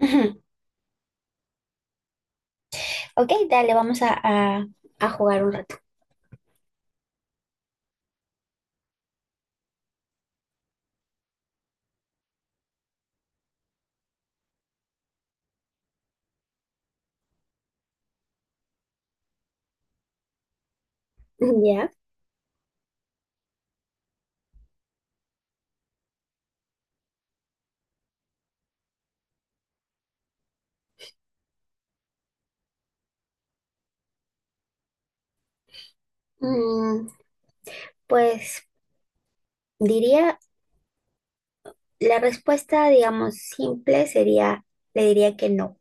Ujú. Ok, dale, vamos a jugar un rato. Ya. Mm, pues diría, la respuesta, digamos, simple sería, le diría que no.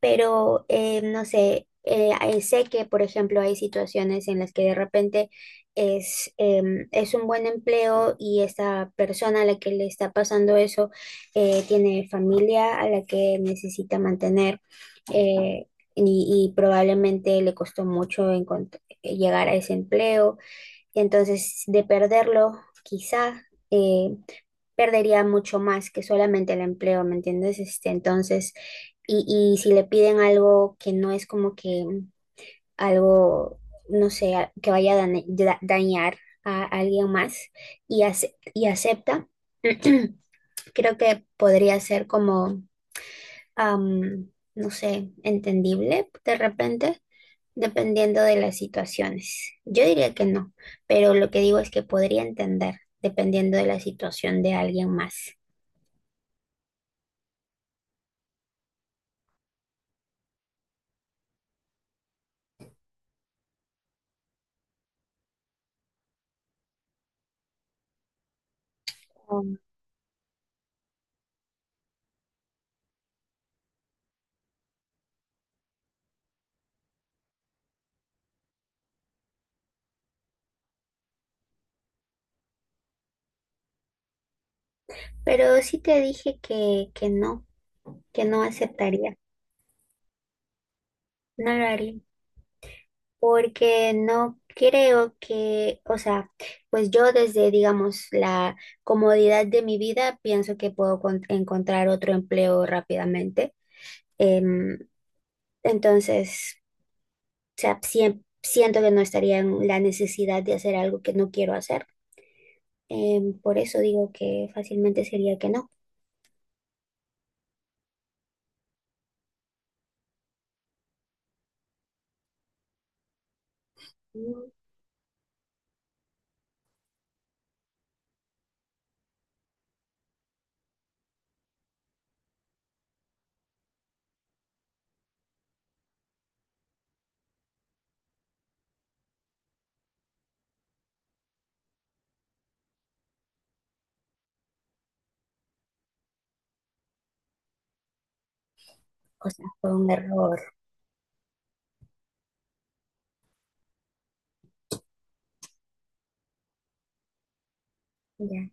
Pero no sé, sé que, por ejemplo, hay situaciones en las que de repente es un buen empleo y esta persona a la que le está pasando eso tiene familia a la que necesita mantener, eh, y probablemente le costó mucho llegar a ese empleo. Entonces, de perderlo, quizá, eh, perdería mucho más que solamente el empleo, ¿me entiendes? Entonces, y, y si le piden algo que no es como que algo, no sé, que vaya a dañar a alguien más y acepta, creo que podría ser como, no sé, entendible de repente, dependiendo de las situaciones. Yo diría que no, pero lo que digo es que podría entender dependiendo de la situación de alguien más. Pero sí te dije que no aceptaría, no lo haría, porque no creo que, o sea, pues yo desde, digamos, la comodidad de mi vida, pienso que puedo encontrar otro empleo rápidamente. Em, entonces, o sea, siento que no estaría en la necesidad de hacer algo que no quiero hacer. Por eso digo que fácilmente sería que no. Mm. O sea, fue un error. Ya.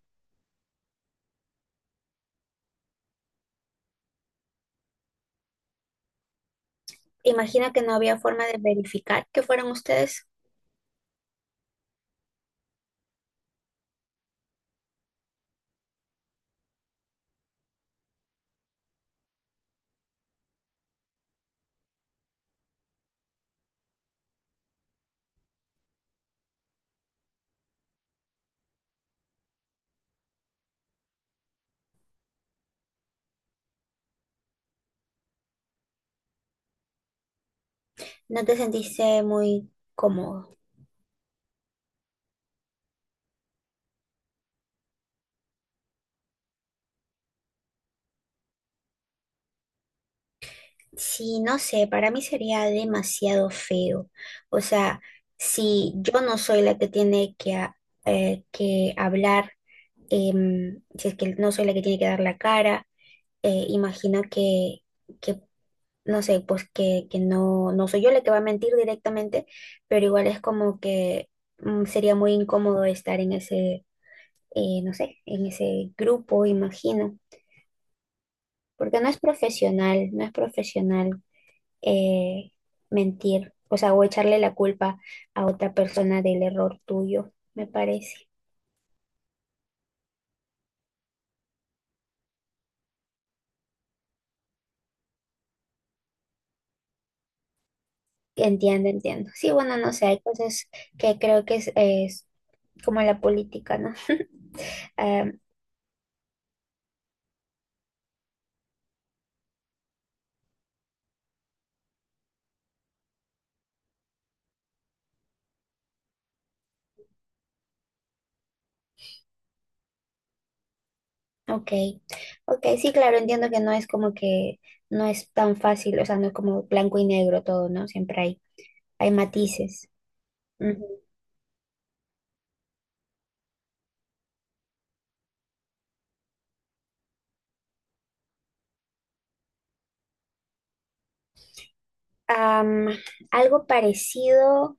Imagino que no había forma de verificar que fueran ustedes. ¿No te sentiste muy cómodo? Sí, no sé, para mí sería demasiado feo. O sea, si yo no soy la que tiene que, que hablar, si es que no soy la que tiene que dar la cara, imagino que, que, no sé, pues que no, no soy yo la que va a mentir directamente, pero igual es como que sería muy incómodo estar en ese, no sé, en ese grupo, imagino, porque no es profesional, no es profesional eh, mentir, o sea, o echarle la culpa a otra persona del error tuyo, me parece. Entiendo, entiendo. Sí, bueno, no sé, hay cosas que creo que es como la política, ¿no? Em, ok, ok, sí, claro, entiendo que no es como que no es tan fácil, o sea, no es como blanco y negro todo, ¿no? Siempre hay matices. Ujú. Am, algo parecido,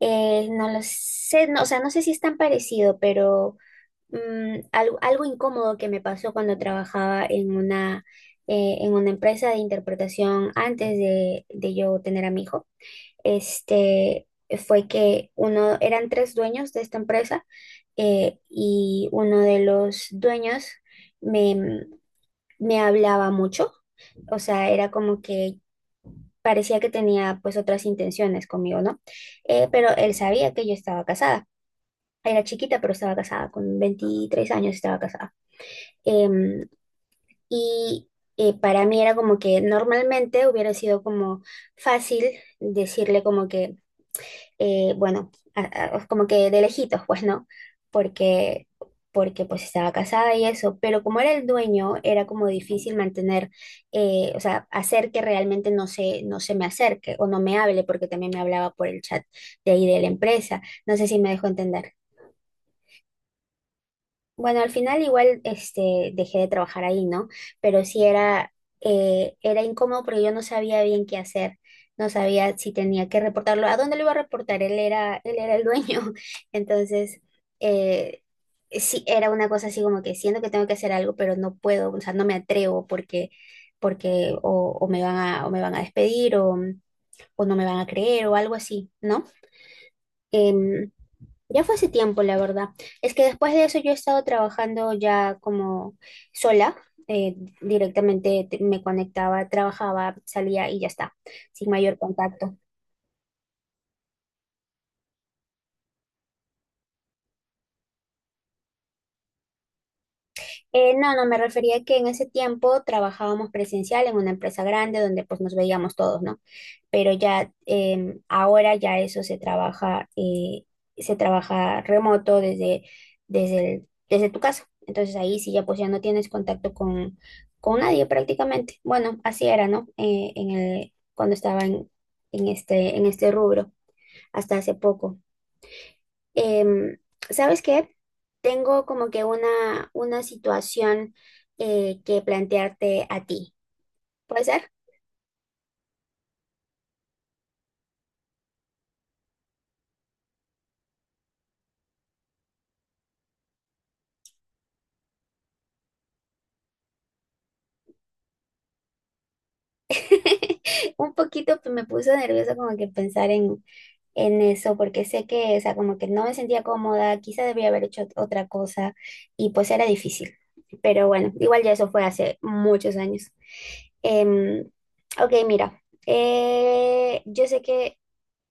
no lo sé, no, o sea, no sé si es tan parecido, pero algo incómodo que me pasó cuando trabajaba en en una empresa de interpretación antes de yo tener a mi hijo. este, Fue que eran tres dueños de esta empresa, y uno de los dueños me, me hablaba mucho. O sea, era como que parecía que tenía pues otras intenciones conmigo, ¿no? Pero él sabía que yo estaba casada. Era chiquita, pero estaba casada, con 23 años estaba casada. Em, y para mí era como que normalmente hubiera sido como fácil decirle como que bueno, como que de lejitos, pues no, porque, porque pues estaba casada y eso, pero como era el dueño, era como difícil mantener, o sea, hacer que realmente no se me acerque o no me hable, porque también me hablaba por el chat de ahí de la empresa, no sé si me dejó entender. Bueno, al final igual dejé de trabajar ahí, ¿no? Pero sí era incómodo porque yo no sabía bien qué hacer. No sabía si tenía que reportarlo. ¿A dónde lo iba a reportar? Él era el dueño. Entonces, eh, sí, era una cosa así como que siento que tengo que hacer algo, pero no puedo, o sea, no me atrevo porque, porque o me van a despedir o no me van a creer o algo así, ¿no? Em, ya fue hace tiempo, la verdad. Es que después de eso yo he estado trabajando ya como sola. Directamente me conectaba, trabajaba, salía y ya está, sin mayor contacto. No, no, me refería que en ese tiempo trabajábamos presencial en una empresa grande donde pues nos veíamos todos, ¿no? Pero ya, ahora ya eso se trabaja remoto desde, desde tu casa. Entonces ahí sí ya pues ya no tienes contacto con nadie prácticamente. Bueno, así era, ¿no? En cuando estaba en este rubro hasta hace poco. Em, ¿Sabes qué? Tengo como que una situación que plantearte a ti. ¿Puede ser? Un poquito pues, me puso nerviosa como que pensar en eso, porque sé que, o sea, como que no me sentía cómoda, quizá debía haber hecho otra cosa y pues era difícil. Pero bueno, igual ya eso fue hace muchos años. Em, ok, mira, yo sé que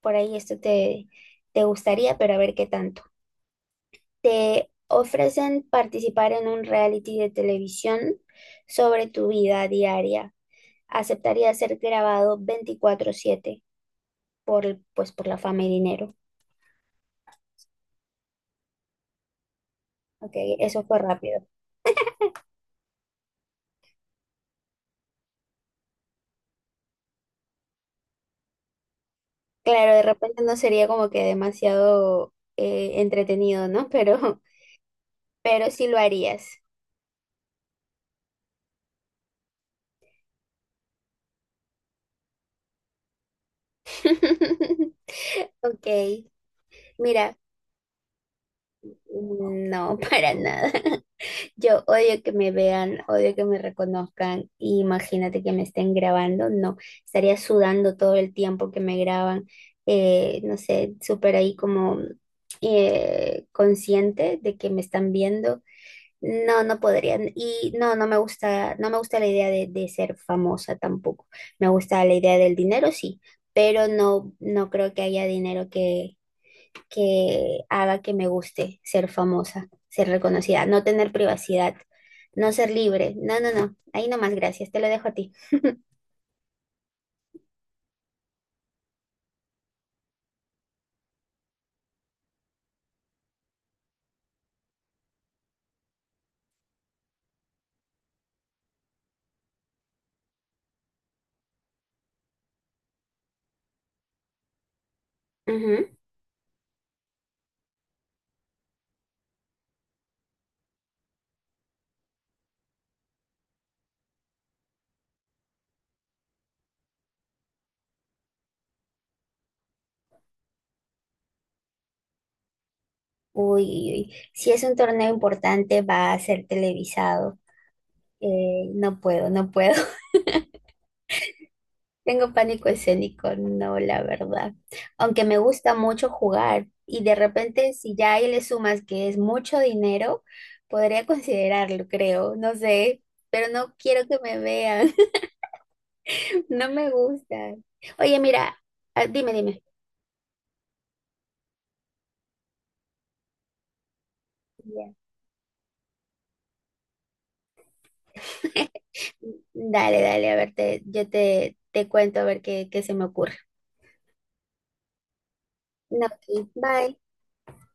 por ahí esto te gustaría, pero a ver qué tanto. Te ofrecen participar en un reality de televisión sobre tu vida diaria. ¿Aceptaría ser grabado 24/7 por, pues, por la fama y dinero? Ok, eso fue rápido. Claro, de repente no sería como que demasiado entretenido, ¿no? Pero, pero sí lo harías. Ok, mira, no, para nada. Yo odio que me vean, odio que me reconozcan. Y, imagínate que me estén grabando, no, estaría sudando todo el tiempo que me graban, no sé, súper ahí como consciente de que me están viendo. No, no podrían. Y no, no me gusta, no me gusta la idea de ser famosa tampoco. Me gusta la idea del dinero, sí, pero no, no creo que haya dinero que haga que me guste ser famosa, ser reconocida, no tener privacidad, no ser libre. No, no, no. Ahí nomás, gracias. Te lo dejo a ti. Ujú. Uy, uy, uy. Si es un torneo importante, va a ser televisado. No puedo, no puedo. Tengo pánico escénico, no, la verdad. Aunque me gusta mucho jugar y de repente si ya ahí le sumas que es mucho dinero, podría considerarlo, creo, no sé, pero no quiero que me vean, no me gusta. Oye, mira, ah, dime, dime. Ya. Dale, dale, a ver, yo te cuento a ver qué se me ocurre. No, ok, bye.